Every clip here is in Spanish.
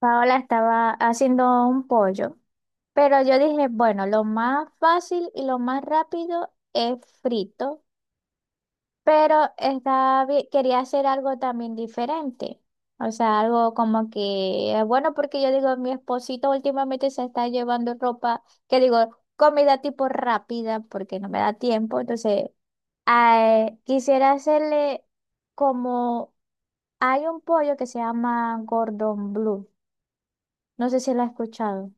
Paola estaba haciendo un pollo, pero yo dije, bueno, lo más fácil y lo más rápido es frito, pero quería hacer algo también diferente. O sea, algo como que, bueno, porque yo digo, mi esposito últimamente se está llevando ropa, que digo, comida tipo rápida, porque no me da tiempo. Entonces, ah, quisiera hacerle como, hay un pollo que se llama Gordon Blue. No sé si la has escuchado.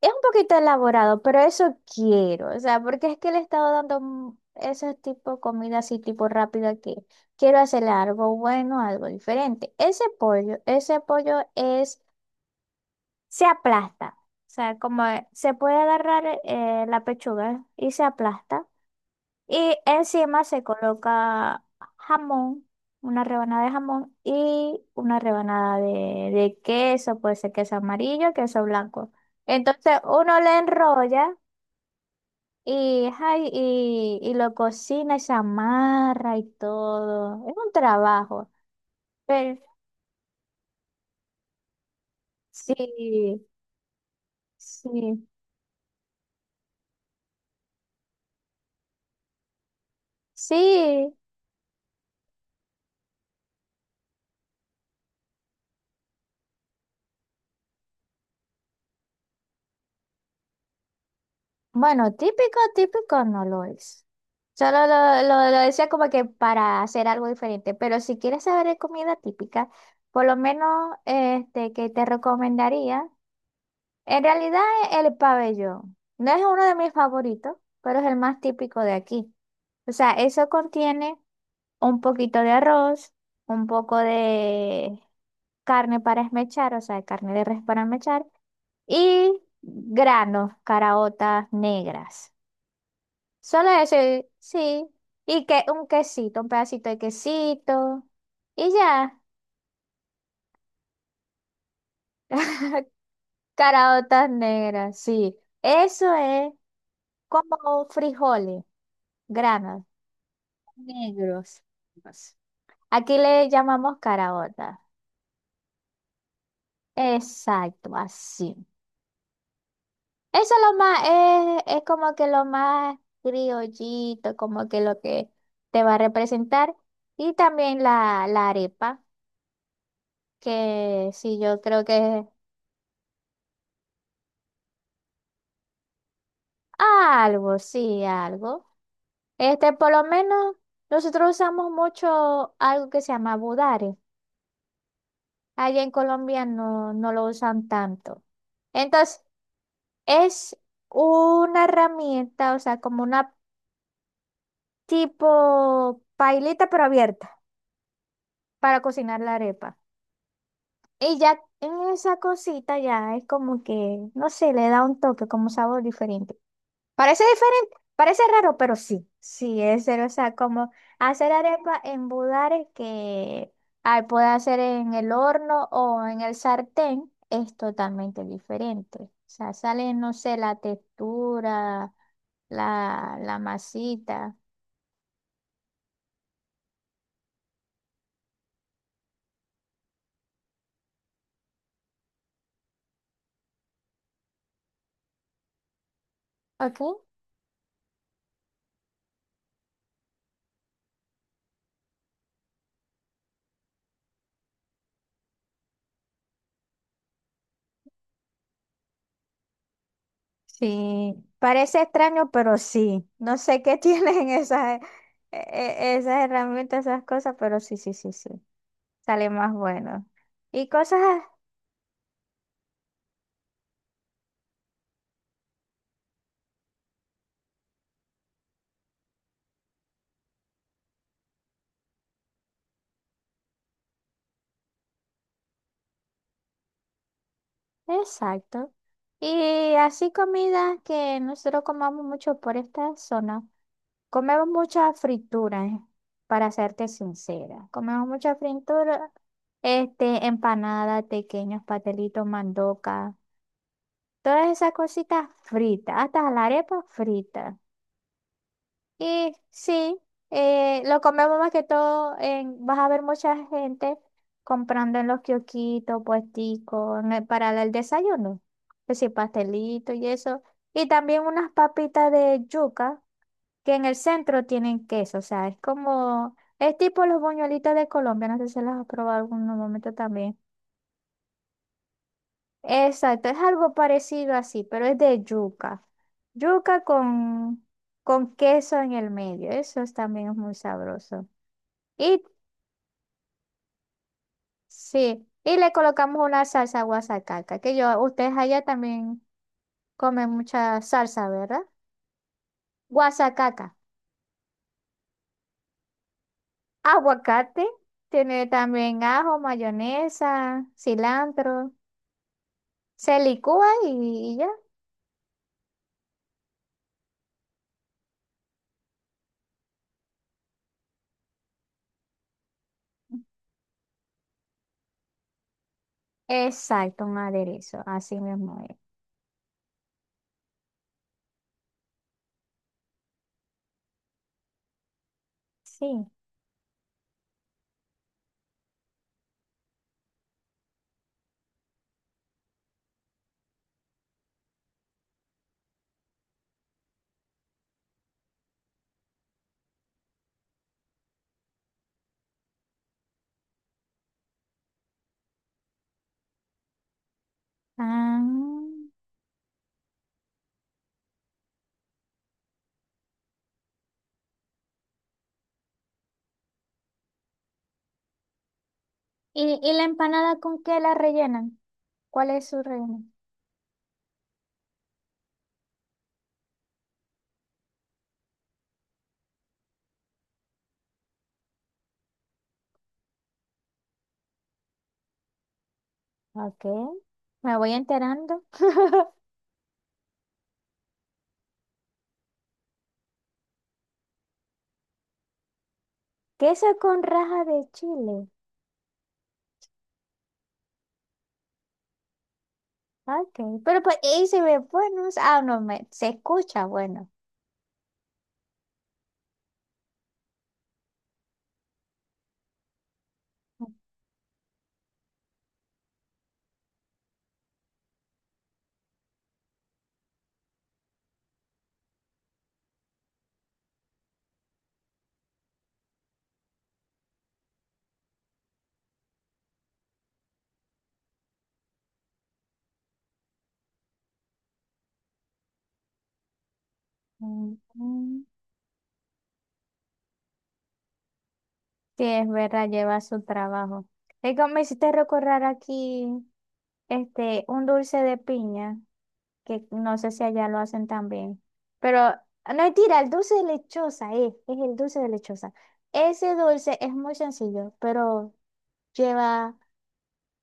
Es un poquito elaborado, pero eso quiero. O sea, porque es que le he estado dando ese tipo de comida así, tipo rápida, que quiero hacerle algo bueno, algo diferente. Ese pollo se aplasta. O sea, como se puede agarrar la pechuga y se aplasta. Y encima se coloca jamón, una rebanada de jamón y una rebanada de, queso, puede ser queso amarillo, queso blanco. Entonces uno le enrolla y, ay, y lo cocina y se amarra y todo. Es un trabajo. Pero sí, sí, sí. Bueno, típico, típico no lo es. Solo lo decía como que para hacer algo diferente. Pero si quieres saber de comida típica, por lo menos este que te recomendaría, en realidad el pabellón. No es uno de mis favoritos, pero es el más típico de aquí. O sea, eso contiene un poquito de arroz, un poco de carne para esmechar, o sea, carne de res para esmechar, y granos, caraotas negras. Solo eso, y- sí. Y que un quesito, un pedacito de quesito. Y ya. Caraotas negras, sí. Eso es como frijoles, granos negros. Pues, aquí le llamamos caraotas. Exacto, así. Eso es lo más, es como que lo más criollito, como que lo que te va a representar. Y también la arepa, que sí, yo creo que algo, sí, algo. Este, por lo menos nosotros usamos mucho algo que se llama budare. Allá en Colombia no lo usan tanto. Entonces, es una herramienta, o sea, como una tipo pailita pero abierta para cocinar la arepa. Y ya en esa cosita ya es como que, no sé, le da un toque, como sabor diferente. Parece diferente, parece raro, pero sí, sí es cero. O sea, como hacer arepa en budare que ay, puede hacer en el horno o en el sartén es totalmente diferente. O sea, sale, no sé, la textura, la masita. ¿Ok? Sí, parece extraño, pero sí. No sé qué tienen esas, esas herramientas, esas cosas, pero sí, sí, sí, sí. Sale más bueno. Y cosas exacto. Y así comidas que nosotros comamos mucho por esta zona. Comemos mucha fritura, para serte sincera. Comemos mucha fritura, este, empanada, pequeños patelitos, mandoca, todas esas cositas fritas, hasta la arepa frita. Y sí, lo comemos más que todo en, vas a ver mucha gente comprando en los kiosquitos, puesticos, en el- para el desayuno. Que sí, pastelito y eso. Y también unas papitas de yuca que en el centro tienen queso. O sea, es como, es tipo los buñuelitos de Colombia. No sé si las has probado en algún momento también. Exacto, es algo parecido así, pero es de yuca. Yuca con queso en el medio, eso es- también es muy sabroso. Y sí, y le colocamos una salsa guasacaca, que yo, ustedes allá también comen mucha salsa, ¿verdad? Guasacaca. Aguacate, tiene también ajo, mayonesa, cilantro. Se licúa y ya. Exacto, un aderezo, así mismo es. Sí. Ah. ¿Y, la empanada con qué la rellenan? ¿Cuál es su relleno? Ok, me voy enterando. Queso con raja de chile. Ok, pero pues ahí se ve bueno. Ah, no, me, se escucha bueno. Mm, mm. Sí, es verdad, lleva su trabajo. Es que me hiciste recordar aquí este, un dulce de piña, que no sé si allá lo hacen también. Pero ah, no mentira, el dulce de lechosa es el dulce de lechosa. Ese dulce es muy sencillo, pero lleva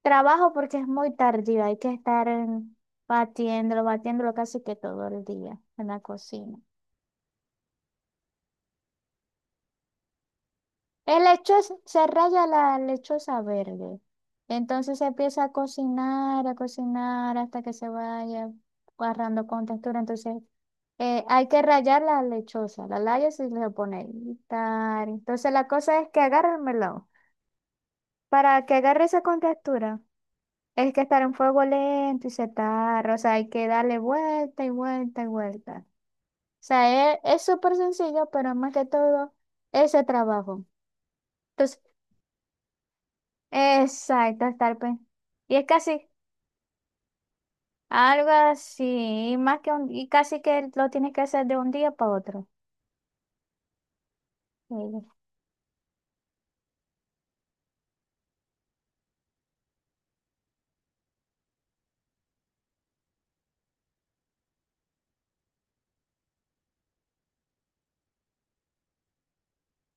trabajo porque es muy tardío. Hay que estar batiéndolo, batiéndolo casi que todo el día en la cocina. El lechoso, se raya la lechosa verde. Entonces se empieza a cocinar hasta que se vaya agarrando con textura. Entonces hay que rayar la lechosa, la rayas y le pone y tar. Entonces la cosa es que agarre el melón. Para que agarre esa con es que estar en fuego lento y se tarda. O sea, hay que darle vuelta y vuelta y vuelta. O sea, es súper sencillo, pero más que todo, ese trabajo. Entonces, exacto, estar pen- y es casi algo así, más que un, y casi que lo tienes que hacer de un día para otro. Sí,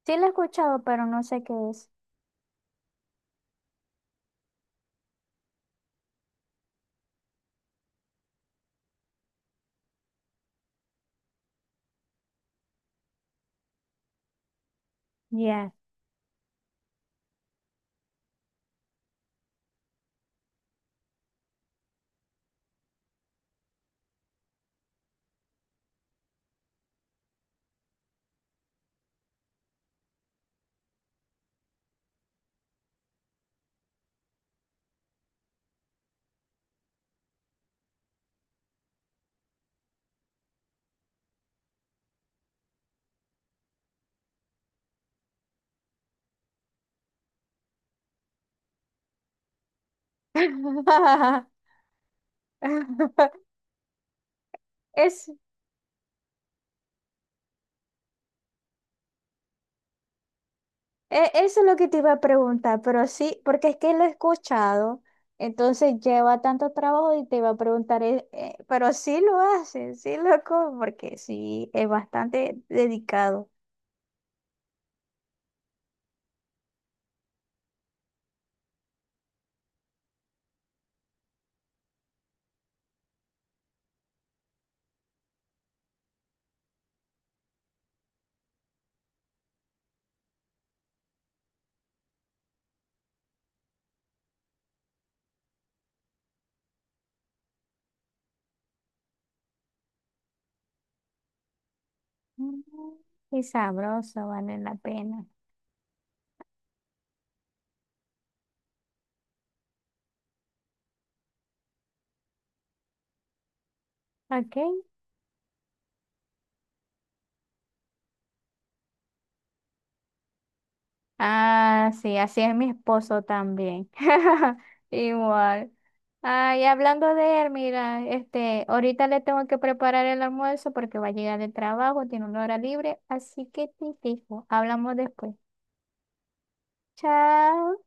sí lo he escuchado, pero no sé qué es. Ya. Es, e- eso es lo que te iba a preguntar, pero sí, porque es que lo he escuchado, entonces lleva tanto trabajo y te iba a preguntar, pero sí lo haces, sí lo como, porque sí, es bastante dedicado. Mm, y sabroso, vale la pena. Okay. Ah, sí, así es mi esposo también. Igual. Ay, hablando de él, mira, este, ahorita le tengo que preparar el almuerzo porque va a llegar del trabajo, tiene una hora libre, así que te dejo. Hablamos después. Chao.